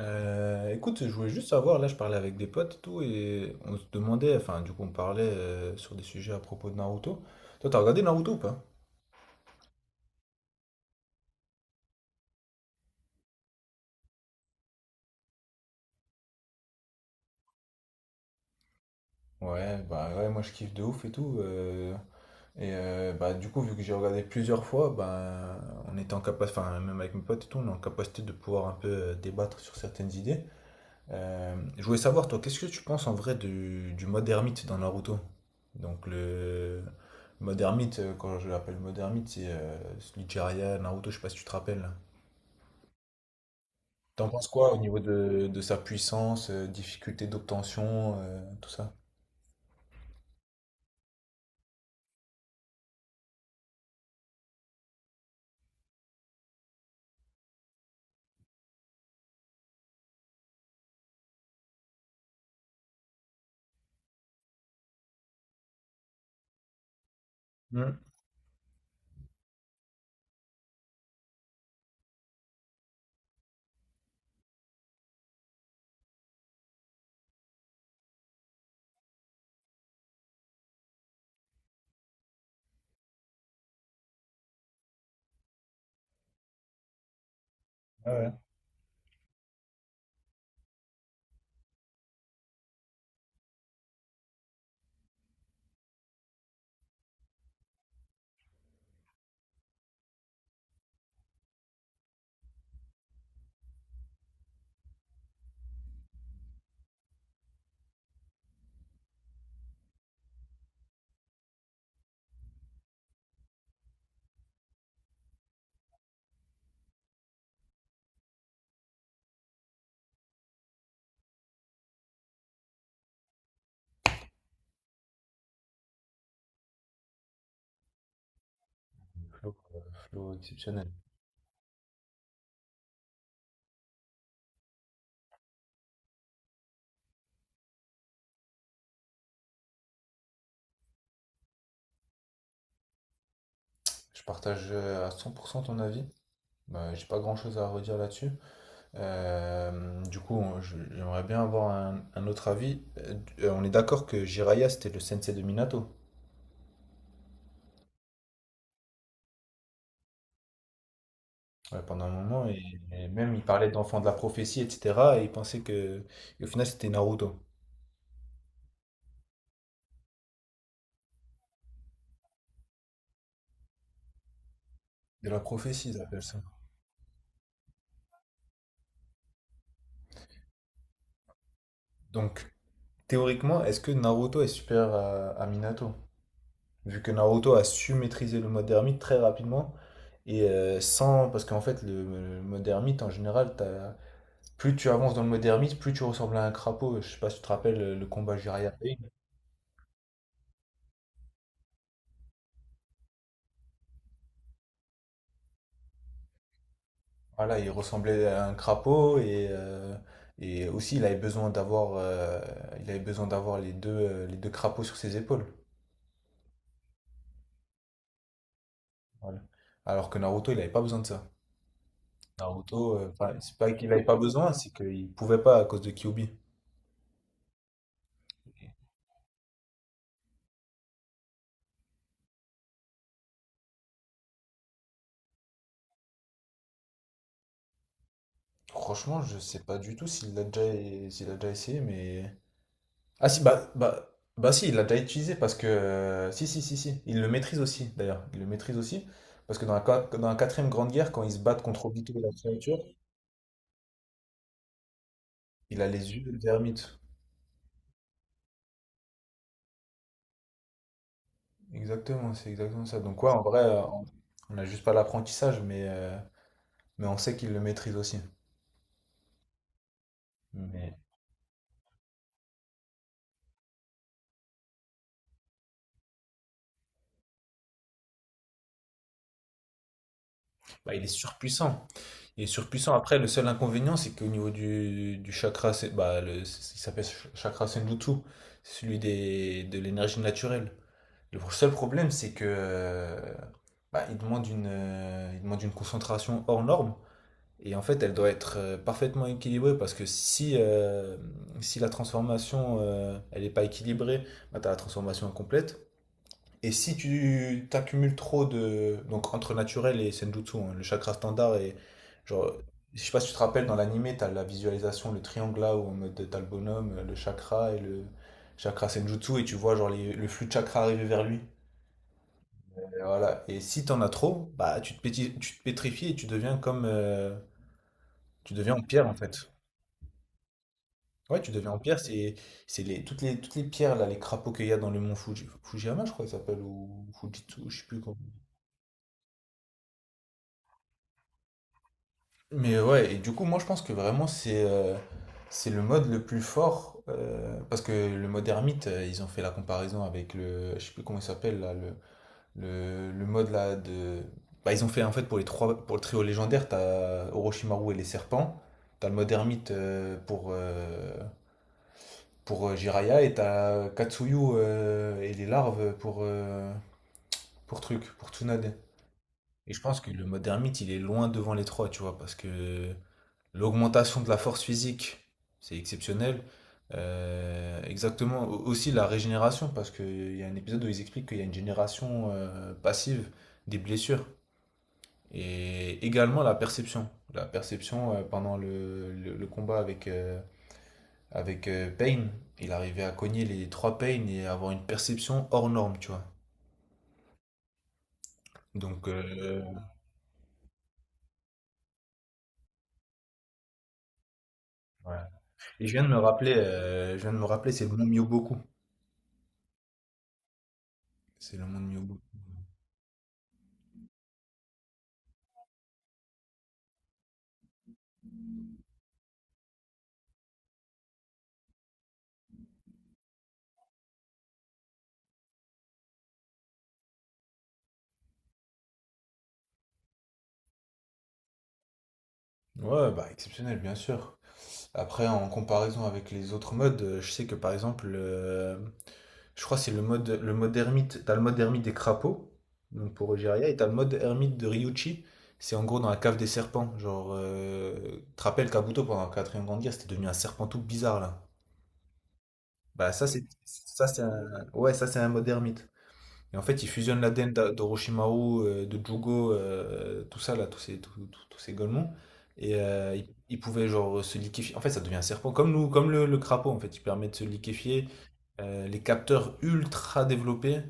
Écoute, je voulais juste savoir, là je parlais avec des potes et tout, et on se demandait, enfin on parlait sur des sujets à propos de Naruto. Toi t'as regardé Naruto ou pas? Ouais, bah ouais, moi je kiffe de ouf et tout. Bah du coup vu que j'ai regardé plusieurs fois, bah on était en capacité, enfin même avec mes potes et tout, on est en capacité de pouvoir un peu débattre sur certaines idées. Je voulais savoir, toi, qu'est-ce que tu penses en vrai du mode ermite dans Naruto? Donc, le mode ermite, quand je l'appelle mode ermite, c'est celui Jiraiya, Naruto, je sais pas si tu te rappelles. T'en penses quoi au niveau de sa puissance, difficulté d'obtention, tout ça? Hmm. Ouais, ouais. Flow, euh, Flow exceptionnel. Je partage à 100% ton avis. Bah, j'ai pas grand-chose à redire là-dessus. Du coup, j'aimerais bien avoir un autre avis. On est d'accord que Jiraiya, c'était le sensei de Minato, ouais, pendant un moment, et même il parlait d'enfant de la prophétie, etc. Et il pensait que, et au final, c'était Naruto. De la prophétie, ils appellent ça. Donc, théoriquement, est-ce que Naruto est supérieur à Minato? Vu que Naruto a su maîtriser le mode ermite très rapidement, et sans. Parce qu'en fait, le mode ermite, en général, t'as. Plus tu avances dans le moderniste, plus tu ressembles à un crapaud. Je sais pas si tu te rappelles le combat jiraiya Pain. Voilà, il ressemblait à un crapaud et aussi il avait besoin d'avoir il avait besoin d'avoir les deux crapauds sur ses épaules. Voilà. Alors que Naruto, il avait pas besoin de ça. Naruto, enfin, c'est pas qu'il avait pas besoin, c'est qu'il pouvait pas à cause de Kyuubi. Franchement, je sais pas du tout s'il l'a déjà, s'il a déjà essayé, mais ah si, si, il l'a déjà utilisé parce que... si, si, si, si. Il le maîtrise aussi, d'ailleurs. Il le maîtrise aussi. Parce que dans la, dans la quatrième grande guerre, quand ils se battent contre Obito et la créature, il a les yeux de. Exactement, c'est exactement ça. Donc ouais, en vrai, on n'a juste pas l'apprentissage, mais on sait qu'il le maîtrise aussi. Mais bah, il est surpuissant. Il est surpuissant. Après, le seul inconvénient, c'est qu'au niveau du chakra, bah, le, il s'appelle chakra Senjutsu, celui des, de l'énergie naturelle. Le seul problème, c'est que bah, il demande il demande une concentration hors norme. Et en fait, elle doit être parfaitement équilibrée parce que si, si la transformation elle n'est pas équilibrée, bah, tu as la transformation incomplète. Et si tu t'accumules trop de. Donc entre naturel et senjutsu, hein, le chakra standard et. Genre, je sais pas si tu te rappelles, dans l'animé, tu as la visualisation, le triangle là, où en mode t'as le bonhomme, le chakra et le chakra senjutsu, et tu vois genre le flux de chakra arriver vers lui. Et voilà. Et si t'en as trop, bah tu tu te pétrifies et tu deviens comme tu deviens en pierre en fait. Ouais, tu deviens en pierre, c'est les toutes les pierres là, les crapauds qu'il y a dans le mont Fuji, Fujiyama, je crois qu'il s'appelle ou Fujitsu, je sais plus comment. Mais ouais, et du coup, moi je pense que vraiment c'est le mode le plus fort parce que le mode ermite, ils ont fait la comparaison avec le je sais plus comment il s'appelle là, le mode là de. Bah, ils ont fait en fait pour les trois pour le trio légendaire, t'as Orochimaru et les serpents, t'as le mode ermite pour Jiraiya et t'as Katsuyu et les larves pour Tsunade. Et je pense que le mode ermite il est loin devant les trois, tu vois, parce que l'augmentation de la force physique, c'est exceptionnel. Exactement, aussi la régénération, parce qu'il y a un épisode où ils expliquent qu'il y a une génération passive des blessures. Et également la perception. La perception pendant le combat avec, Payne. Il arrivait à cogner les trois Payne et avoir une perception hors norme, tu vois. Donc, ouais. Et je viens de me rappeler, c'est le monde Myoboku. C'est le monde Myoboku. Ouais, bah exceptionnel, bien sûr. Après, en comparaison avec les autres modes, je sais que par exemple, je crois que c'est le mode ermite. T'as le mode ermite des crapauds, donc pour Ogeria, et t'as le mode ermite de Ryuchi. C'est en gros dans la cave des serpents. Genre, tu te rappelles Kabuto pendant la quatrième grande guerre, c'était devenu un serpent tout bizarre là. Bah ça c'est un ouais ça c'est un mode ermite. Et en fait ils fusionnent la l'ADN d'Orochimaru, de Jugo, tout ça là, tous ces golemons. Et ils pouvaient genre se liquéfier. En fait ça devient un serpent comme nous, comme le crapaud en fait. Il permet de se liquéfier. Les capteurs ultra développés.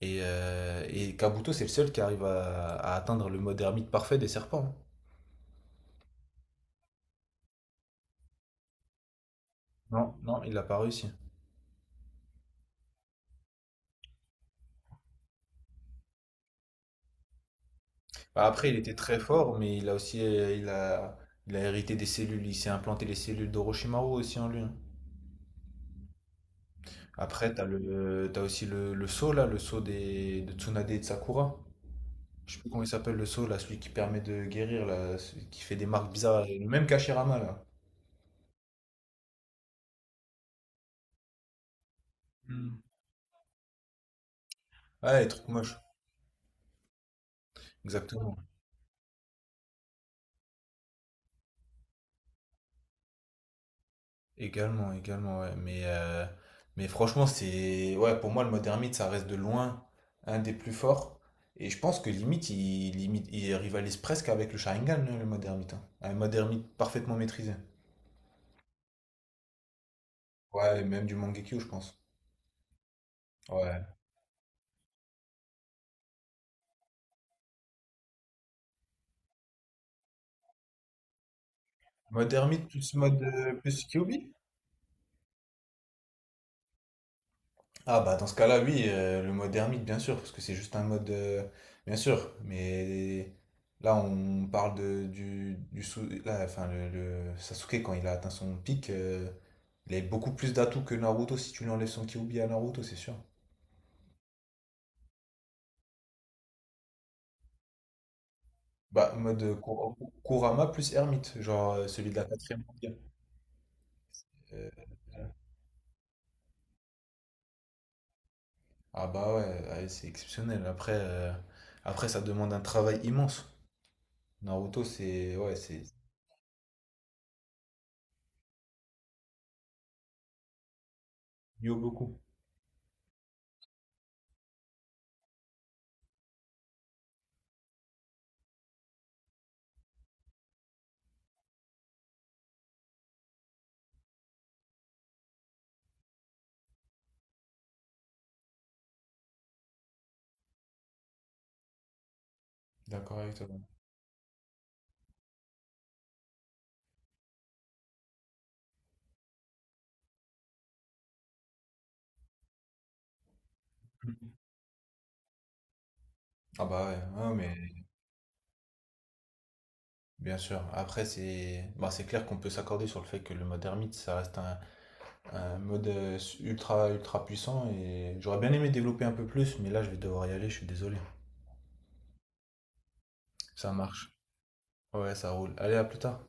Et Kabuto, c'est le seul qui arrive à atteindre le mode ermite parfait des serpents. Hein. Non, non, il l'a pas réussi. Bah, après, il était très fort, mais il a aussi, il a hérité des cellules, il s'est implanté les cellules d'Orochimaru aussi en lui. Hein. Après, t'as aussi le sceau là, le sceau des, de Tsunade et de Sakura. Je sais plus comment il s'appelle le sceau là, celui qui permet de guérir là, celui qui fait des marques bizarres, le même qu'Hashirama là. Hmm. Ouais, les trucs moches, exactement. Également, également, ouais. Mais franchement, c'est. Ouais, pour moi, le mode ermite, ça reste de loin un des plus forts. Et je pense que limite, il rivalise presque avec le Sharingan, hein, le mode ermite. Hein. Un mode ermite parfaitement maîtrisé. Ouais, et même du Mangekyo, je pense. Ouais. Mode ermite plus Kyuubi? Ah bah dans ce cas-là, oui, le mode ermite, bien sûr, parce que c'est juste un mode, bien sûr, mais là on parle de, du là, enfin, le Sasuke, quand il a atteint son pic, il a beaucoup plus d'atouts que Naruto si tu lui enlèves son Kyuubi à Naruto, c'est sûr. Bah, Kurama plus ermite, genre celui de la quatrième mondiale. Euh, ah bah ouais, ouais, c'est exceptionnel. Après, ça demande un travail immense. Naruto, c'est ouais, c'est il y a beaucoup. D'accord avec toi. Ah bah ouais, ouais, mais bien sûr. Après, c'est bah, c'est clair qu'on peut s'accorder sur le fait que le mode ermite, ça reste un mode ultra puissant et j'aurais bien aimé développer un peu plus, mais là, je vais devoir y aller, je suis désolé. Ça marche. Ouais, ça roule. Allez, à plus tard.